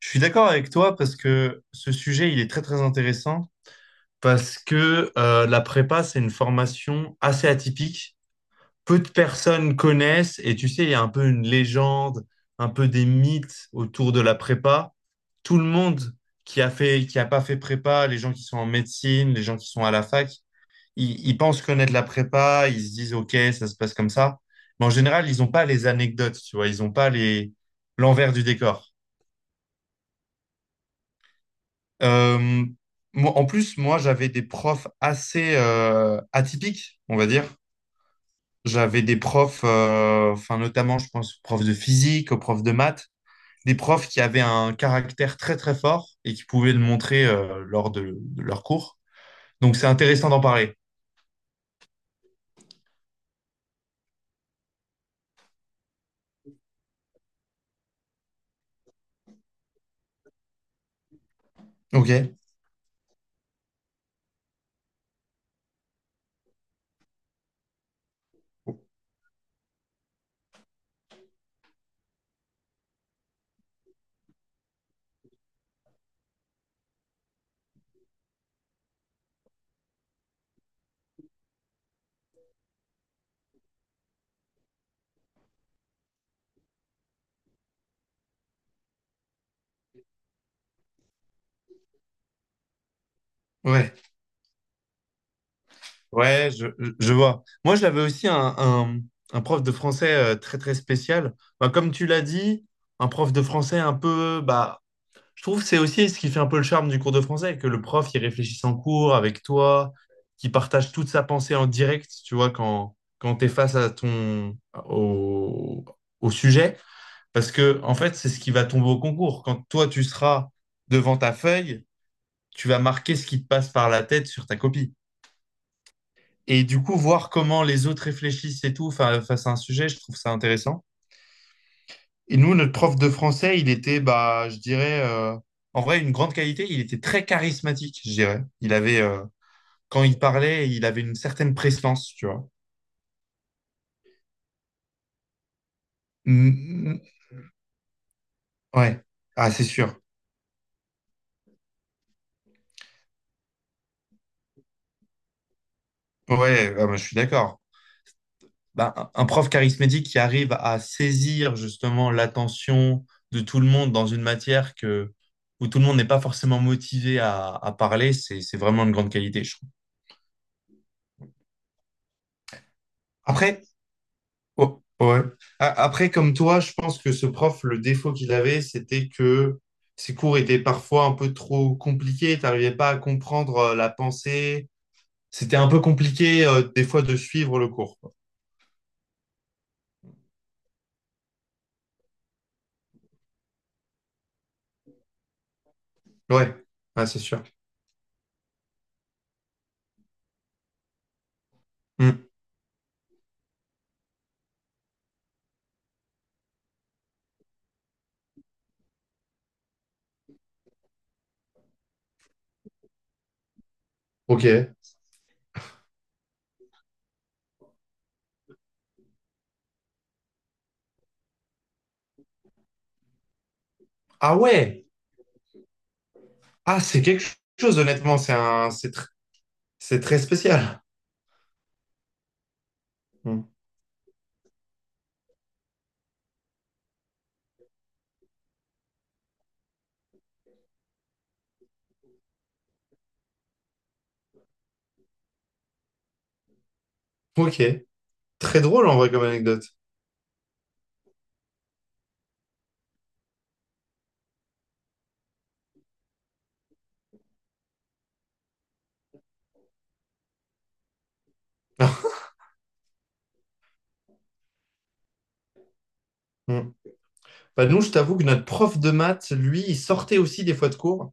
Je suis d'accord avec toi parce que ce sujet, il est très très intéressant parce que la prépa, c'est une formation assez atypique. Peu de personnes connaissent et tu sais, il y a un peu une légende, un peu des mythes autour de la prépa. Tout le monde qui a fait, qui a pas fait prépa, les gens qui sont en médecine, les gens qui sont à la fac, ils pensent connaître la prépa, ils se disent OK, ça se passe comme ça. Mais en général, ils n'ont pas les anecdotes, tu vois, ils n'ont pas les l'envers du décor. Euh, Moi, en plus, moi, j'avais des profs assez atypiques, on va dire. J'avais des profs, enfin, notamment, je pense, aux profs de physique, aux profs de maths, des profs qui avaient un caractère très, très fort et qui pouvaient le montrer lors de leur cours. Donc, c'est intéressant d'en parler. Ok. Ouais, ouais, je vois. Moi, j'avais aussi un prof de français très, très spécial. Bah, comme tu l'as dit, un prof de français un peu, bah, je trouve que c'est aussi ce qui fait un peu le charme du cours de français, que le prof, il réfléchisse en cours avec toi, qui partage toute sa pensée en direct, tu vois, quand tu es face à au, au sujet. Parce que, en fait, c'est ce qui va tomber au concours. Quand toi, tu seras devant ta feuille, tu vas marquer ce qui te passe par la tête sur ta copie. Et du coup, voir comment les autres réfléchissent et tout face à un sujet, je trouve ça intéressant. Et nous, notre prof de français, il était, bah, je dirais, en vrai, une grande qualité. Il était très charismatique, je dirais. Quand il parlait, il avait une certaine prestance, tu vois. Mm, mm, ouais, ah, c'est sûr. Ouais, ah, bah, je suis d'accord. Bah, un prof charismatique qui arrive à saisir justement l'attention de tout le monde dans une matière où tout le monde n'est pas forcément motivé à parler, c'est vraiment une grande qualité, je trouve. Après, Oh, ouais. Après, comme toi, je pense que ce prof, le défaut qu'il avait, c'était que ses cours étaient parfois un peu trop compliqués. T'arrivais pas à comprendre la pensée. C'était un peu compliqué, des fois, de suivre le cours, quoi. Ouais, ouais, c'est sûr. Hmm. Ok. Ah ouais. Ah, c'est quelque chose, honnêtement. C'est un... c'est tr- C'est très spécial. Hmm. Ok. Très drôle, en vrai, comme anecdote. Hmm. Bah, nous, je t'avoue que notre prof de maths, lui, il sortait aussi des fois de cours.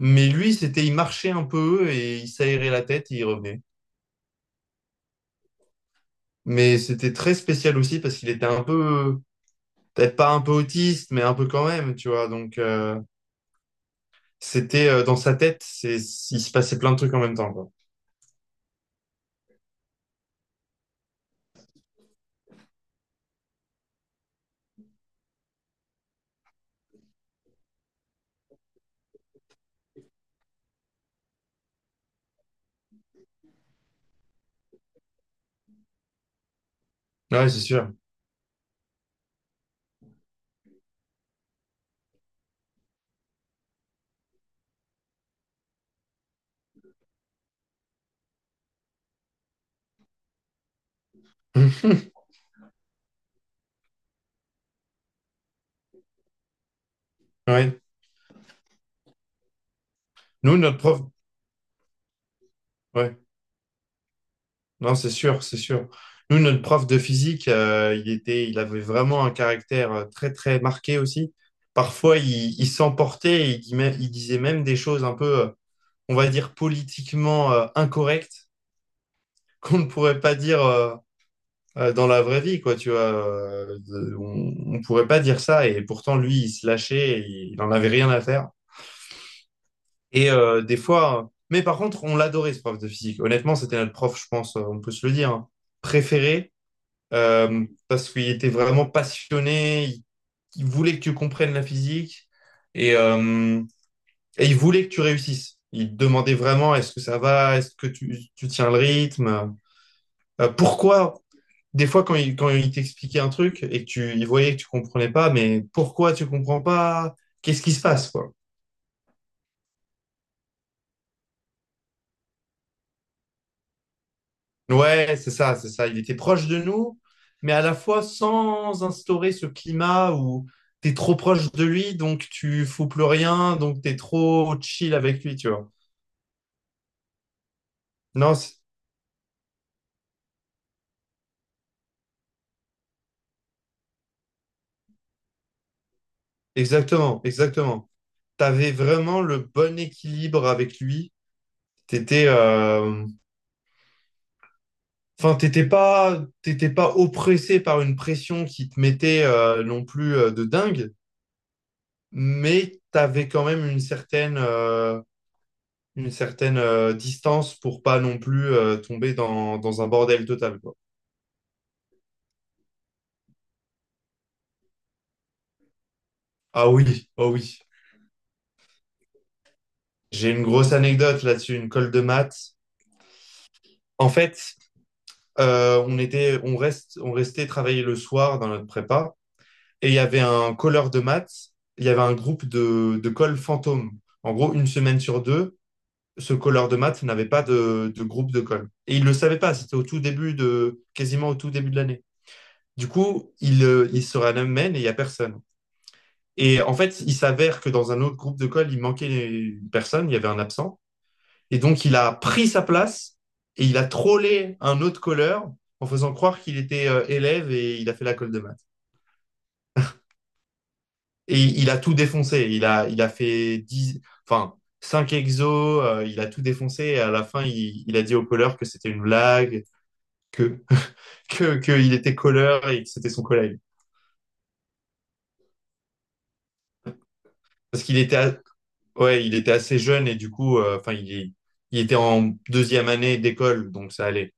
Mais lui, il marchait un peu et il s'aérait la tête et il revenait. Mais c'était très spécial aussi parce qu'il était un peu, peut-être pas un peu autiste, mais un peu quand même, tu vois. Donc, c'était dans sa tête, il se passait plein de trucs en même temps, quoi. Ouais, c'est sûr. Ouais. Nous, notre prof, ouais. Non, c'est sûr, c'est sûr. Nous, notre prof de physique, il avait vraiment un caractère très, très marqué aussi. Parfois, il s'emportait, et il disait même des choses un peu, on va dire, politiquement incorrectes qu'on ne pourrait pas dire dans la vraie vie, quoi, tu vois. On ne pourrait pas dire ça, et pourtant, lui, il se lâchait, et il n'en avait rien à faire. Mais par contre, on l'adorait, ce prof de physique. Honnêtement, c'était notre prof, je pense, on peut se le dire, hein, préféré, parce qu'il était vraiment passionné, il voulait que tu comprennes la physique, et, euh, et il voulait que tu réussisses. Il te demandait vraiment, est-ce que ça va, est-ce que tu tiens le rythme? Pourquoi, des fois, quand il t'expliquait un truc et que tu il voyait que tu comprenais pas, mais pourquoi tu comprends pas? Qu'est-ce qui se passe, quoi? Ouais, c'est ça, c'est ça. Il était proche de nous, mais à la fois sans instaurer ce climat où t'es trop proche de lui, donc tu fous plus rien, donc t'es trop chill avec lui, tu vois. Non, exactement, exactement. T'avais vraiment le bon équilibre avec lui. T'étais, euh, Enfin, t'étais pas oppressé par une pression qui te mettait non plus de dingue, mais t'avais quand même une certaine distance pour pas non plus tomber dans un bordel total, quoi. Ah oui, oh oui. J'ai une grosse anecdote là-dessus, une colle de maths. En fait, on était, on reste, on restait travailler le soir dans notre prépa, et il y avait un colleur de maths, il y avait un groupe de colle fantôme. En gros, une semaine sur deux ce colleur de maths n'avait pas de groupe de colle. Et il ne le savait pas, c'était au tout début de, quasiment au tout début de l'année. Du coup, il se ramène et il n'y a personne. Et en fait, il s'avère que dans un autre groupe de colle, il manquait une personne, il y avait un absent. Et donc, il a pris sa place et il a trollé un autre colleur en faisant croire qu'il était élève et il a fait la colle de maths. Et il a tout défoncé. Il a fait 10, enfin, 5 exos, il a tout défoncé et à la fin, il a dit au colleur que c'était une blague, que, que qu'il était colleur et que c'était son collègue. Parce qu'il était, ouais, il était assez jeune et du coup, enfin, il était en deuxième année d'école, donc ça allait.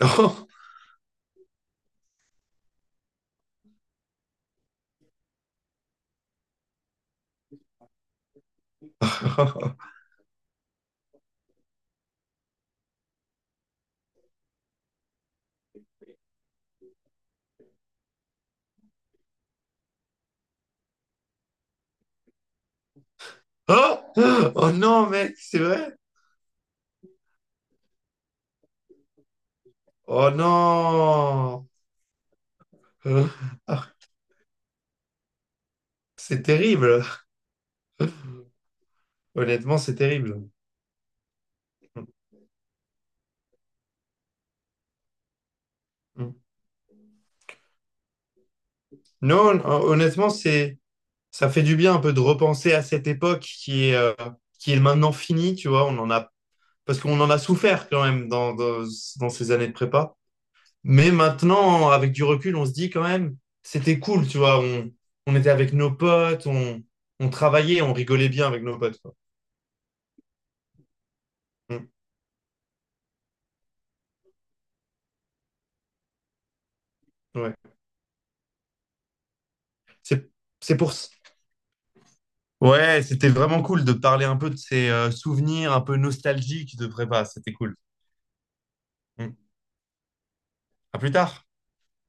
Oh, oh, oh non, mec, c'est vrai. Oh non. Euh, ah, c'est terrible. Honnêtement, c'est terrible. Mm. Non, honnêtement, ça fait du bien un peu de repenser à cette époque qui est maintenant finie, tu vois. Parce qu'on en a souffert quand même dans ces années de prépa. Mais maintenant, avec du recul, on se dit quand même, c'était cool, tu vois. On était avec nos potes, on travaillait, on rigolait bien avec nos potes, quoi. Mm, ouais. C'est, c'est pour... s- Ouais, c'était vraiment cool de parler un peu de ces souvenirs un peu nostalgiques de prépa. C'était cool. Mm. À plus tard.